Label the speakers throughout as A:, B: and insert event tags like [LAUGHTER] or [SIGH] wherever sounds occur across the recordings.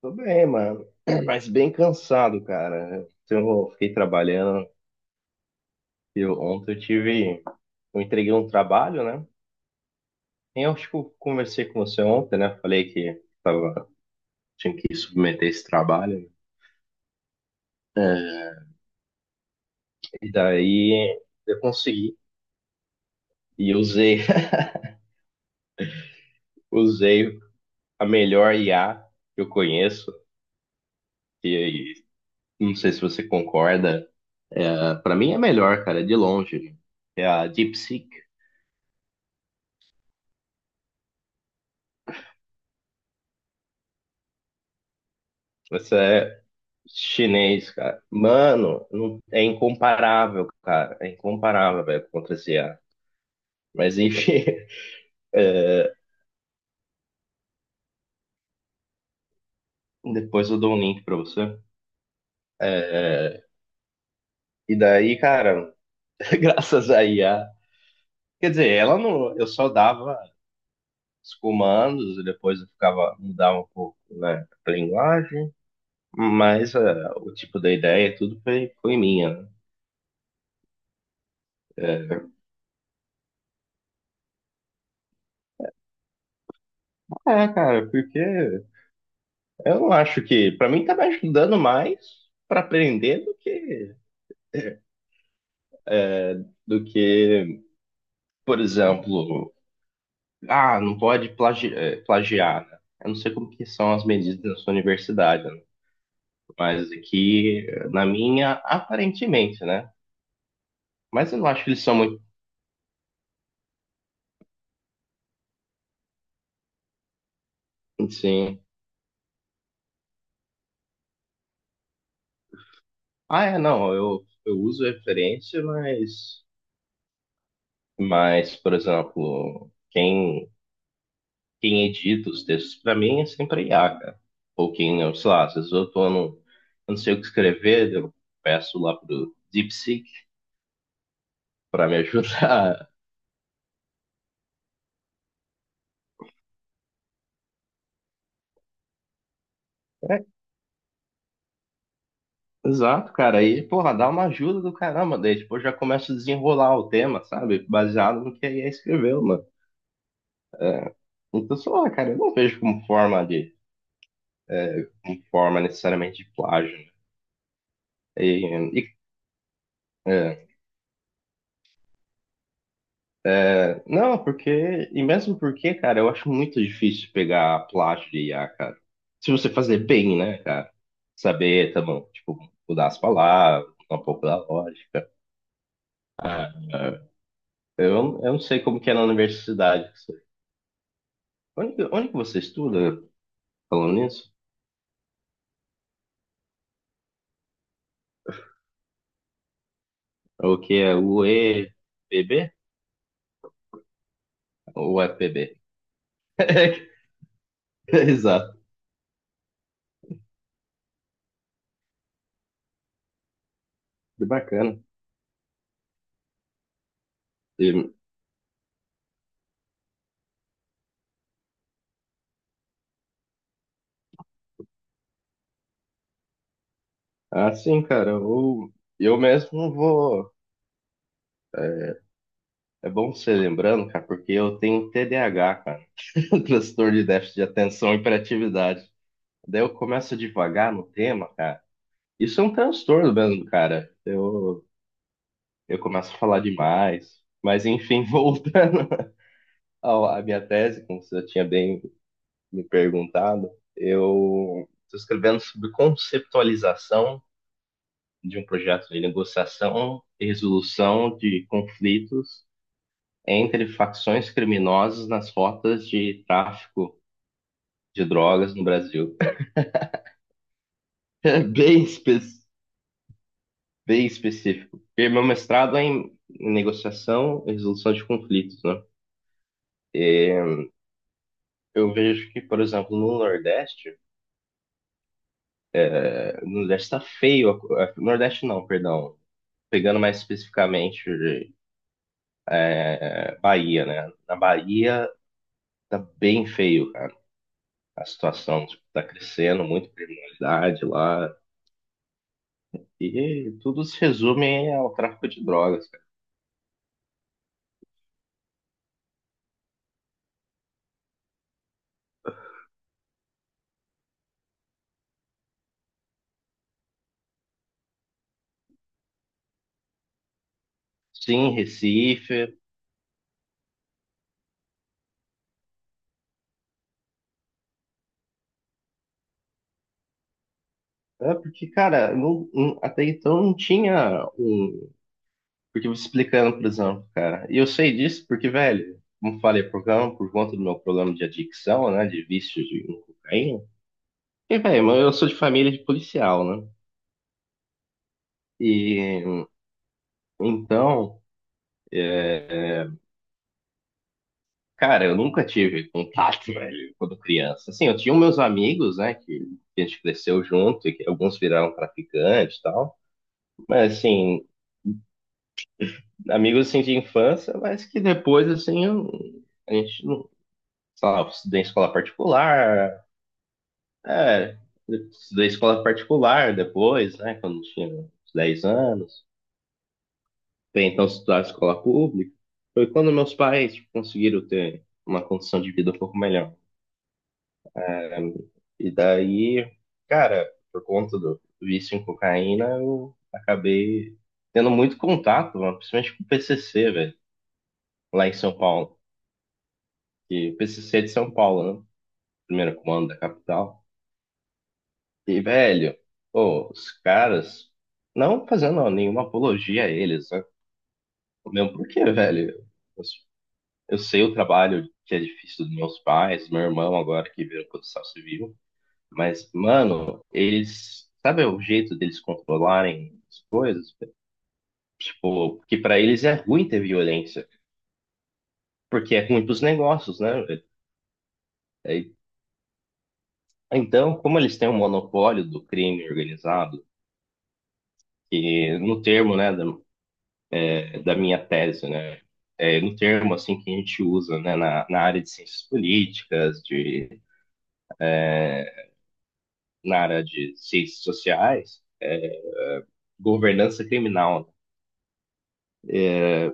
A: Tô bem, mano. [CLEARS THROAT] Mas bem cansado, cara. Eu fiquei trabalhando. Ontem eu tive. Eu entreguei um trabalho, né? E eu acho que eu conversei com você ontem, né? Falei que tava, tinha que submeter esse trabalho. É. E daí eu consegui. E [LAUGHS] usei a melhor IA que eu conheço. E, e não sei se você concorda. É, para mim é a melhor, cara, de longe. É a DeepSeek. Essa é, Chinês, cara. Mano, é incomparável, cara. É incomparável, velho, contra esse IA. Mas enfim, [LAUGHS] é, depois eu dou um link pra você. É, e daí, cara, [LAUGHS] graças a IA. Quer dizer, ela não. Eu só dava os comandos e depois eu ficava, mudava um pouco, né, a linguagem. Mas é, o tipo da ideia, tudo foi, foi minha, né? É, cara, porque eu não acho que. Pra mim tá me ajudando mais pra aprender do que, por exemplo, não pode plagiar, né? Eu não sei como que são as medidas na sua universidade, né? Mas aqui, na minha, aparentemente, né? Mas eu não acho que eles são muito, assim... Ah, é, não, eu uso referência, mas... Mas, por exemplo, quem edita os textos para mim é sempre I a IA, cara. Ou quem, eu sei lá, às vezes eu tô no... Eu não sei o que escrever, eu peço lá pro DeepSeek para me ajudar. [LAUGHS] Exato, cara. Aí, porra, dá uma ajuda do caramba. Daí, tipo, eu já começo a desenrolar o tema, sabe? Baseado no que a IA escreveu, mano. Então, sei lá, cara, eu não vejo como forma de, como forma necessariamente de plágio, né? E, e- é, não, porque, mesmo porque, cara, eu acho muito difícil pegar plágio de IA, cara. Se você fazer bem, né, cara? Saber, tá bom, tipo, mudar as palavras, mudar um pouco da lógica. Ah, eu não sei como que é na universidade. Onde que você estuda? Falando nisso, é o que é o EPB? Ou EPB? [LAUGHS] Exato, que bacana. E, ah, cara, eu mesmo vou. É bom você lembrando, cara, porque eu tenho TDAH, cara, [LAUGHS] transtorno de déficit de atenção e hiperatividade. Daí eu começo a divagar no tema, cara. Isso é um transtorno mesmo, cara. Eu começo a falar demais. Mas enfim, [LAUGHS] voltando à minha tese, como você já tinha bem me perguntado, eu estou escrevendo sobre conceptualização de um projeto de negociação e resolução de conflitos entre facções criminosas nas rotas de tráfico de drogas no Brasil. É [LAUGHS] bem específico. Porque meu mestrado é em negociação e resolução de conflitos, né? E eu vejo que, por exemplo, no Nordeste, no Nordeste está feio, a Nordeste não, perdão, pegando mais especificamente Bahia, né? Na Bahia tá bem feio, cara. A situação, tipo, tá crescendo, muito criminalidade lá. E tudo se resume ao tráfico de drogas, cara. Sim, Recife. É porque, cara, até então não tinha um. Porque eu vou explicando, por exemplo, cara. E eu sei disso porque, velho, como falei, por conta do meu problema de adicção, né? De vício de cocaína. E, velho, eu sou de família de policial, né? E então. é, Cara, eu nunca tive contato, [LAUGHS] velho, quando criança. Assim, eu tinha meus amigos, né, que a gente cresceu junto, e que alguns viraram traficantes e tal. Mas, assim, amigos, assim, de infância, mas que depois, assim, a gente, sei lá, é, eu estudei em escola particular depois, né, quando tinha uns 10 anos. Até então, estudar em escola pública. Foi quando meus pais, tipo, conseguiram ter uma condição de vida um pouco melhor. Um, E daí, cara, por conta do vício em cocaína, eu acabei tendo muito contato, mano, principalmente com o PCC, velho, lá em São Paulo. E o PCC é de São Paulo, né? Primeiro comando da capital. E, velho, pô, os caras, não fazendo nenhuma apologia a eles, né? Mesmo porque, velho, eu, eu sei o trabalho que é difícil dos meus pais, meu irmão agora que virou construção civil. Mas, mano, eles. Sabe o jeito deles controlarem as coisas? Tipo, que pra eles é ruim ter violência, porque é ruim pros negócios, né? É- é, Então, como eles têm um monopólio do crime organizado, que no termo, né, da minha tese, né? É, no termo, assim, que a gente usa, né, na área de ciências políticas, de, na área de ciências sociais, governança criminal.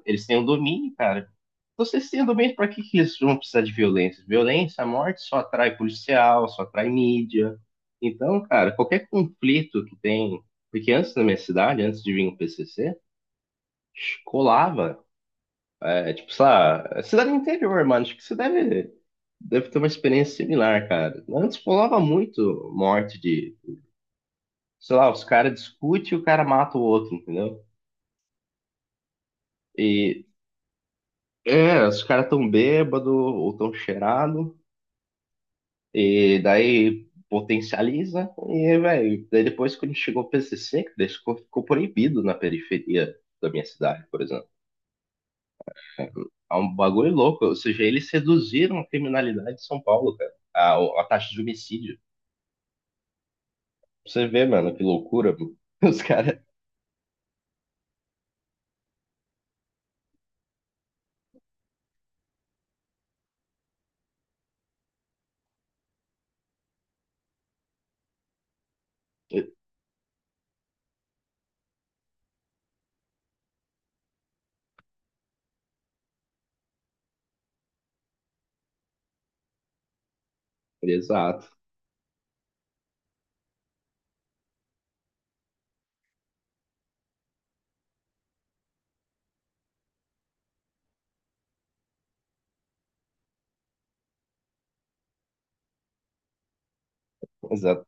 A: Eles têm o domínio, cara. Você sendo bem, para que que eles vão precisar de violência? Violência, a morte só atrai policial, só atrai mídia. Então, cara, qualquer conflito que tem. Porque antes na minha cidade, antes de vir o PCC, colava. É, tipo, sei lá, é cidade do interior, mano. Acho que você deve, deve ter uma experiência similar, cara. Antes colava muito morte de. Sei lá, os caras discutem e o cara mata o outro, entendeu? E os caras tão bêbado ou tão cheirado. E daí potencializa e, velho, daí depois quando chegou o PCC, que daí ficou, ficou proibido na periferia da minha cidade, por exemplo. É um bagulho louco, ou seja, eles reduziram a criminalidade de São Paulo, cara, a taxa de homicídio. Você vê, mano, que loucura, mano. [LAUGHS] os caras... Exato, exato.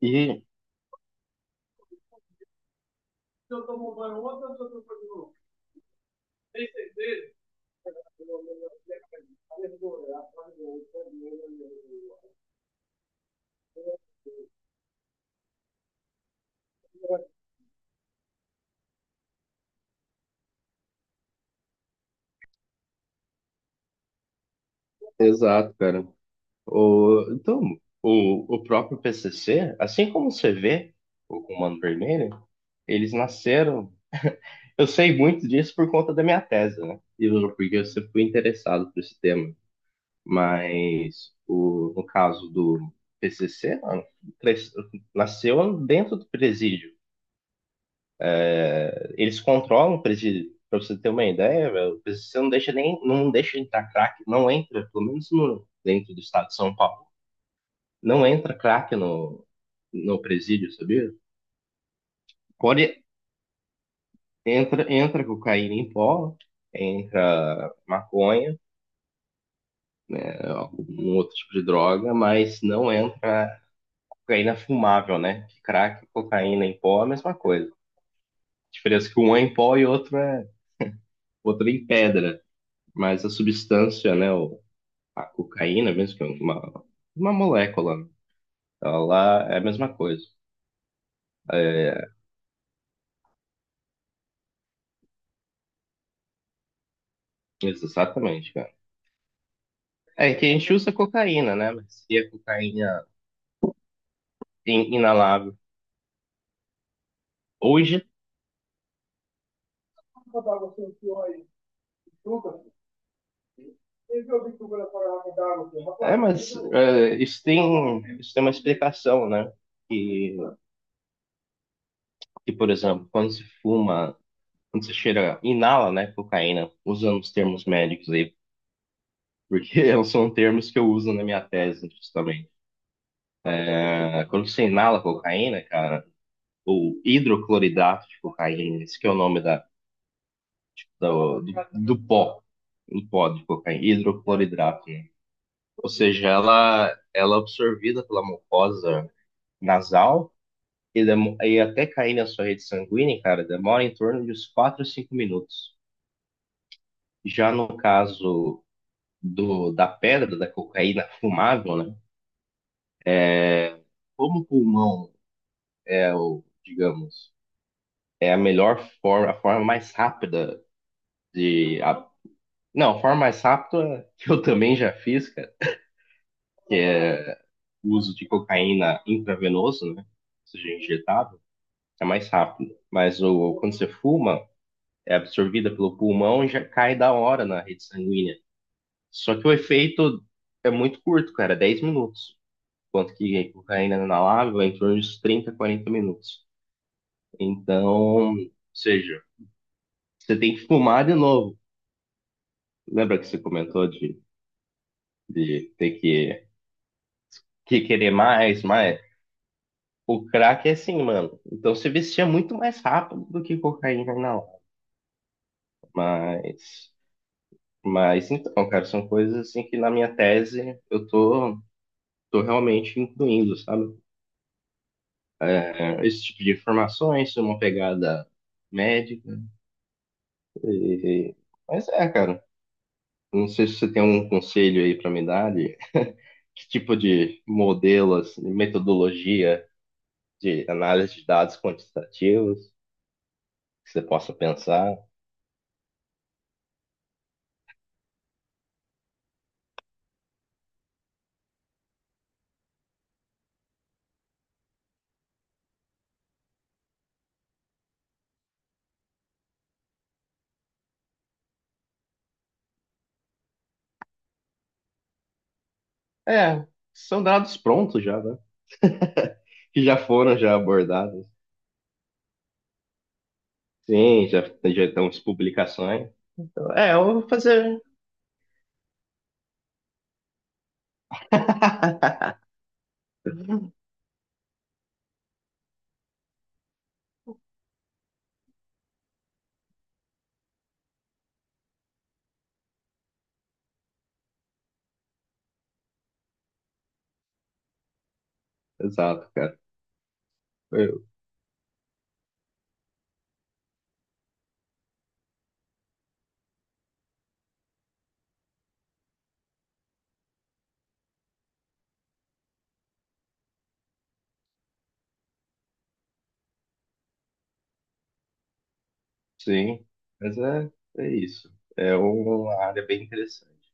A: E, exato, cara. Então, o próprio PCC, assim como você vê o Comando Vermelho, eles nasceram. Eu sei muito disso por conta da minha tese, né? E porque eu sempre fui interessado por esse tema. Mas o, no caso do PCC, mano, cres- nasceu dentro do presídio. Eles controlam o presídio. Pra você ter uma ideia, velho, o PCC não deixa nem, não deixa entrar crack, não entra, pelo menos no, dentro do estado de São Paulo, não entra crack no presídio, sabia? Pode, entra cocaína em pó, entra maconha, né, um outro tipo de droga, mas não entra cocaína fumável, né? Que crack, cocaína em pó é a mesma coisa. A diferença é que um é em pó e outro é em pedra, mas a substância, né, a cocaína mesmo, que é uma molécula, né, ela é a mesma coisa. É, exatamente, cara. É que a gente usa cocaína, né? Mas se a cocaína inalável. Hoje, é, mas é, isso tem, isso tem uma explicação, né? Que que, por exemplo, quando se fuma, quando se cheira, inala, né, cocaína, usando os termos médicos aí, porque [LAUGHS] são termos que eu uso na minha tese, justamente. É, quando você inala cocaína, cara, ou hidrocloridato de cocaína, esse que é o nome do pó, do pó de cocaína, hidrocloridrato, né? Ou seja, ela é absorvida pela mucosa nasal e até cair na sua rede sanguínea, cara, demora em torno de uns 4 a 5 minutos. Já no caso do, da pedra, da cocaína fumável, né? Como o pulmão é o, digamos, é a melhor forma, a forma mais rápida de. Não, a forma mais rápida que eu também já fiz, cara, que é o uso de cocaína intravenoso, né? Ou seja, injetável, é mais rápido. Mas o, quando você fuma, é absorvida pelo pulmão e já cai da hora na rede sanguínea. Só que o efeito é muito curto, cara, 10 minutos, quanto que a cocaína inalável é em torno de 30, 40 minutos. Então, ou seja, você tem que fumar de novo. Lembra que você comentou de ter que querer mais, mais? O crack é assim, mano. Então você vestia muito mais rápido do que cocaína inalável. Mas, mas, então, cara, são coisas assim que na minha tese eu tô realmente incluindo, sabe? É, esse tipo de informações, uma pegada médica. e- Cara, não sei se você tem um conselho aí para me dar de que tipo de modelos, de metodologia de análise de dados quantitativos que você possa pensar. É, são dados prontos já, né? [LAUGHS] Que já foram já abordados. Sim, já estão as publicações. Então, eu vou fazer. [LAUGHS] Exato, cara. Eu- sim, mas é isso. É uma área bem interessante.